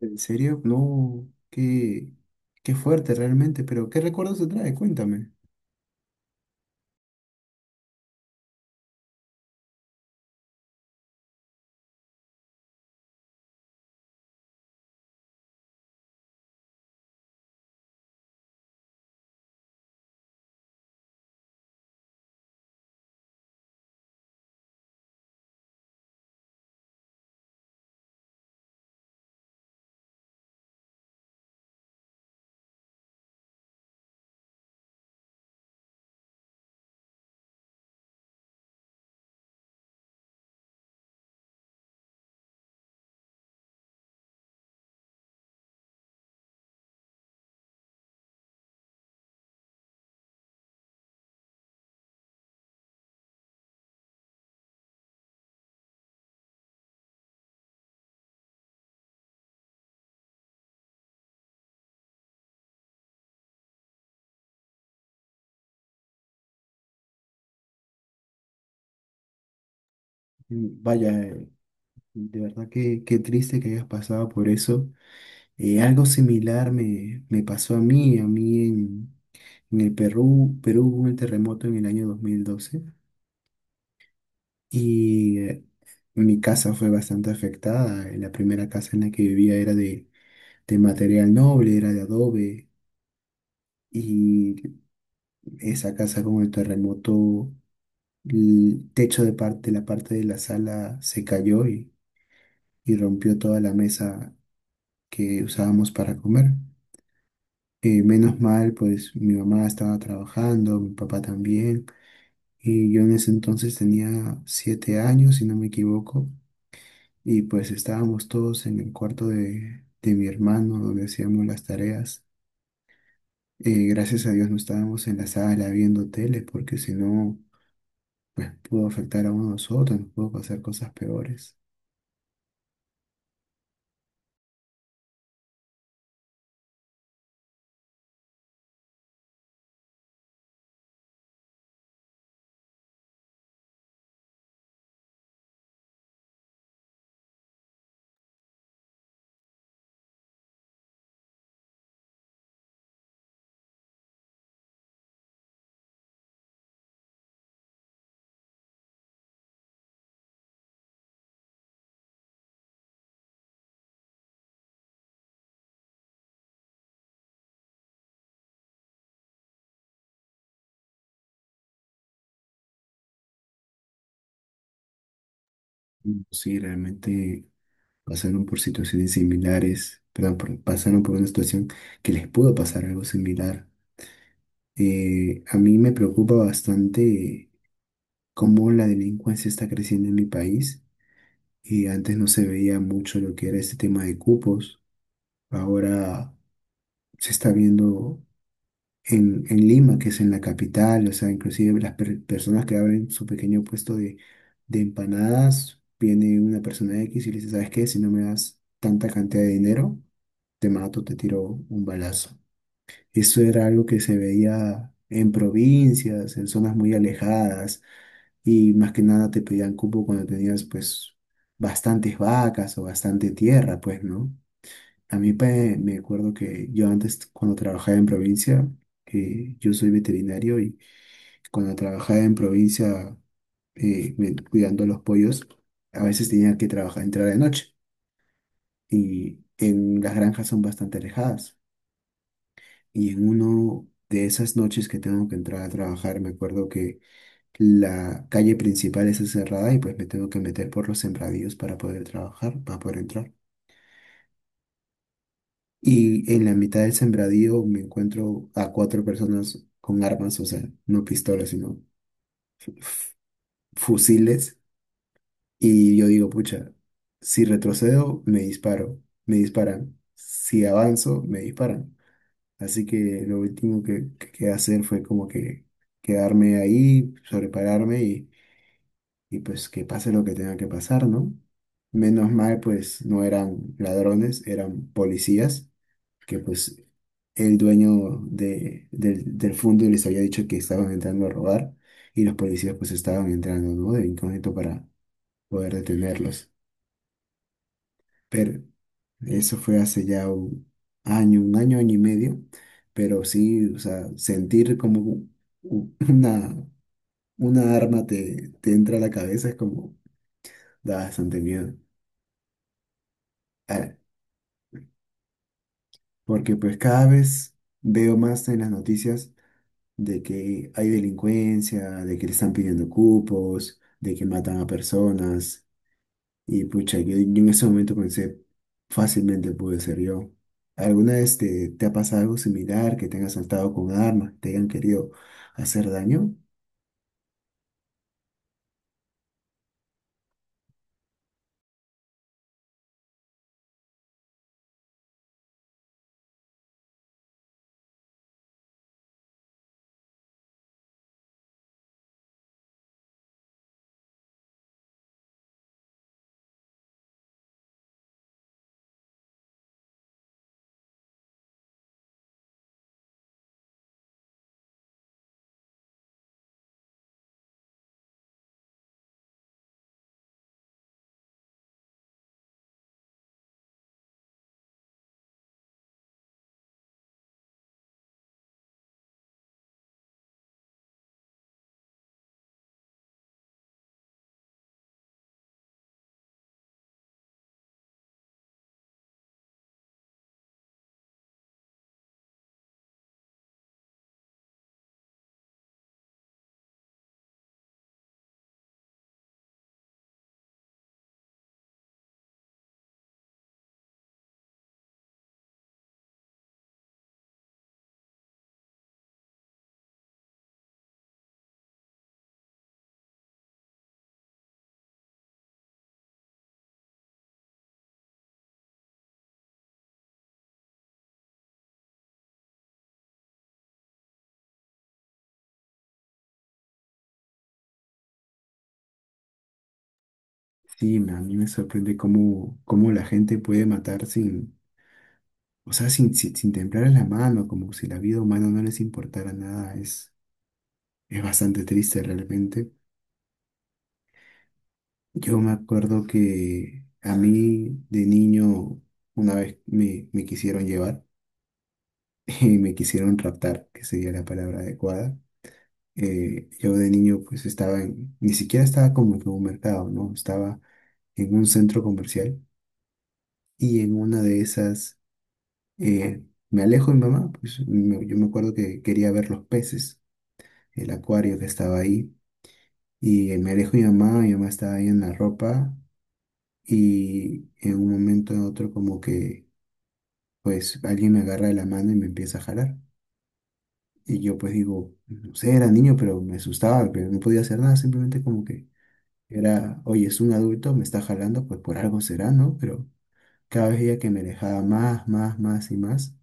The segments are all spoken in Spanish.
¿En serio? No, qué fuerte realmente, pero ¿qué recuerdos te trae? Cuéntame. Mm, vaya, de verdad que qué triste que hayas pasado por eso. Algo similar me pasó a mí en el Perú. Perú hubo un terremoto en el año 2012 y mi casa fue bastante afectada. La primera casa en la que vivía era de material noble, era de adobe y esa casa con el terremoto. El techo de la parte de la sala se cayó y rompió toda la mesa que usábamos para comer. Menos mal, pues mi mamá estaba trabajando, mi papá también, y yo en ese entonces tenía 7 años, si no me equivoco, y pues estábamos todos en el cuarto de mi hermano donde hacíamos las tareas. Gracias a Dios no estábamos en la sala viendo tele, porque si no pudo afectar a uno de nosotros, nos pudo pasar cosas peores. Sí, realmente pasaron por situaciones similares, perdón, pasaron por una situación que les pudo pasar algo similar. A mí me preocupa bastante cómo la delincuencia está creciendo en mi país y antes no se veía mucho lo que era este tema de cupos. Ahora se está viendo en Lima, que es en la capital, o sea, inclusive las personas que abren su pequeño puesto de empanadas, viene una persona X y le dice, ¿sabes qué? Si no me das tanta cantidad de dinero, te mato, te tiro un balazo. Eso era algo que se veía en provincias, en zonas muy alejadas, y más que nada te pedían cupo cuando tenías pues bastantes vacas o bastante tierra, pues, ¿no? A mí me acuerdo que yo antes cuando trabajaba en provincia, yo soy veterinario y cuando trabajaba en provincia cuidando los pollos, a veces tenía que trabajar, entrar de noche y en las granjas son bastante alejadas. Y en uno de esas noches que tengo que entrar a trabajar, me acuerdo que la calle principal está cerrada y pues me tengo que meter por los sembradíos para poder trabajar, para poder entrar. Y en la mitad del sembradío me encuentro a cuatro personas con armas, o sea, no pistolas, sino f- fusiles. Y yo digo, pucha, si retrocedo, me disparo, me disparan. Si avanzo, me disparan. Así que lo último que quedé hacer fue como que quedarme ahí, sobrepararme y pues que pase lo que tenga que pasar, ¿no? Menos mal, pues no eran ladrones, eran policías, que pues el dueño del fondo les había dicho que estaban entrando a robar y los policías pues estaban entrando, ¿no? De incógnito para poder detenerlos. Pero eso fue hace ya un año, año y medio, pero sí, o sea, sentir como u- una, una arma te entra a la cabeza es como da bastante miedo. Ah, porque pues cada vez veo más en las noticias de que hay delincuencia, de que le están pidiendo cupos, de que matan a personas. Y pucha, yo en ese momento pensé, fácilmente pude ser yo. ¿Alguna vez te ha pasado algo similar, que te han asaltado con armas, te hayan querido hacer daño? Sí, a mí me sorprende cómo la gente puede matar sin, o sea, sin temblar en la mano, como si la vida humana no les importara nada. Es bastante triste realmente. Yo me acuerdo que a mí de niño una vez me quisieron llevar. Y me quisieron raptar, que sería la palabra adecuada. Yo de niño pues estaba ni siquiera estaba como que en un mercado, ¿no? Estaba en un centro comercial y en una de esas eh, me alejo de mi mamá, pues yo me acuerdo que quería ver los peces, el acuario que estaba ahí y me alejo de mi mamá estaba ahí en la ropa y en un momento u otro como que pues alguien me agarra de la mano y me empieza a jalar. Y yo pues digo, no sé, era niño, pero me asustaba, pero no podía hacer nada, simplemente como que era, oye, es un adulto, me está jalando, pues por algo será, ¿no? Pero cada vez ella que me alejaba más, más, más y más.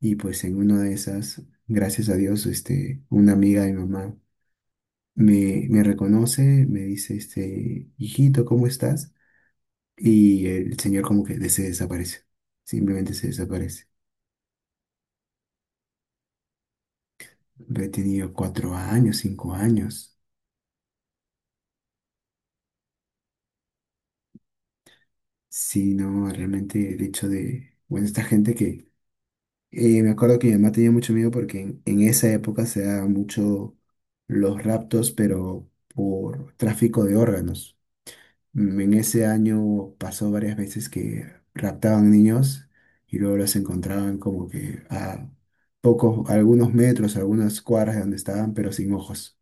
Y pues en una de esas, gracias a Dios, este, una amiga de mi mamá me reconoce, me dice, este, hijito, ¿cómo estás? Y el señor como que se desaparece, simplemente se desaparece. He tenido 4 años, 5 años. Sí, no, realmente el hecho de, bueno, esta gente que, me acuerdo que mi mamá tenía mucho miedo porque en esa época se daban mucho los raptos, pero por tráfico de órganos. En ese año pasó varias veces que raptaban niños y luego los encontraban como que a pocos, algunos metros, algunas cuadras de donde estaban, pero sin ojos.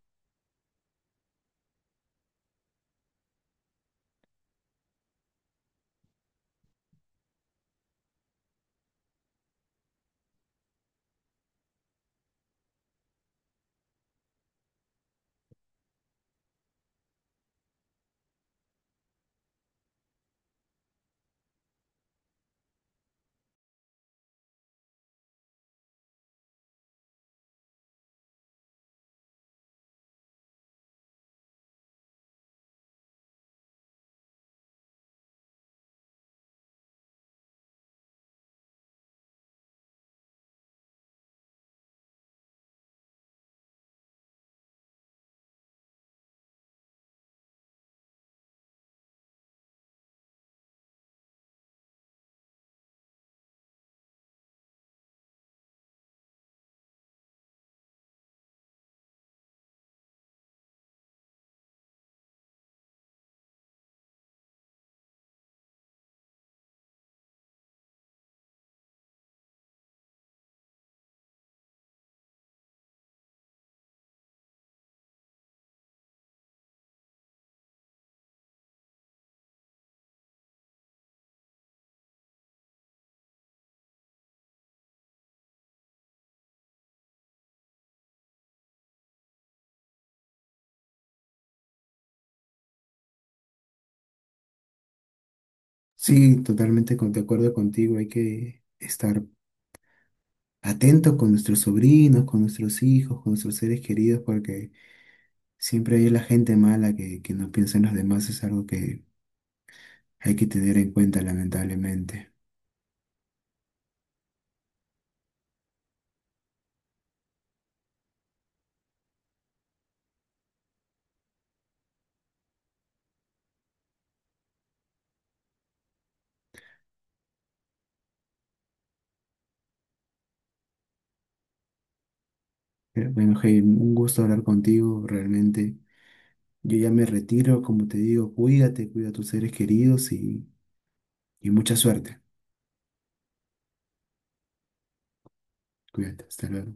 Sí, totalmente de acuerdo contigo, hay que estar atentos con nuestros sobrinos, con nuestros hijos, con nuestros seres queridos, porque siempre hay la gente mala que no piensa en los demás, es algo que hay que tener en cuenta, lamentablemente. Pero bueno, hey, un gusto hablar contigo, realmente. Yo ya me retiro, como te digo, cuídate, cuida a tus seres queridos y mucha suerte. Cuídate, hasta luego.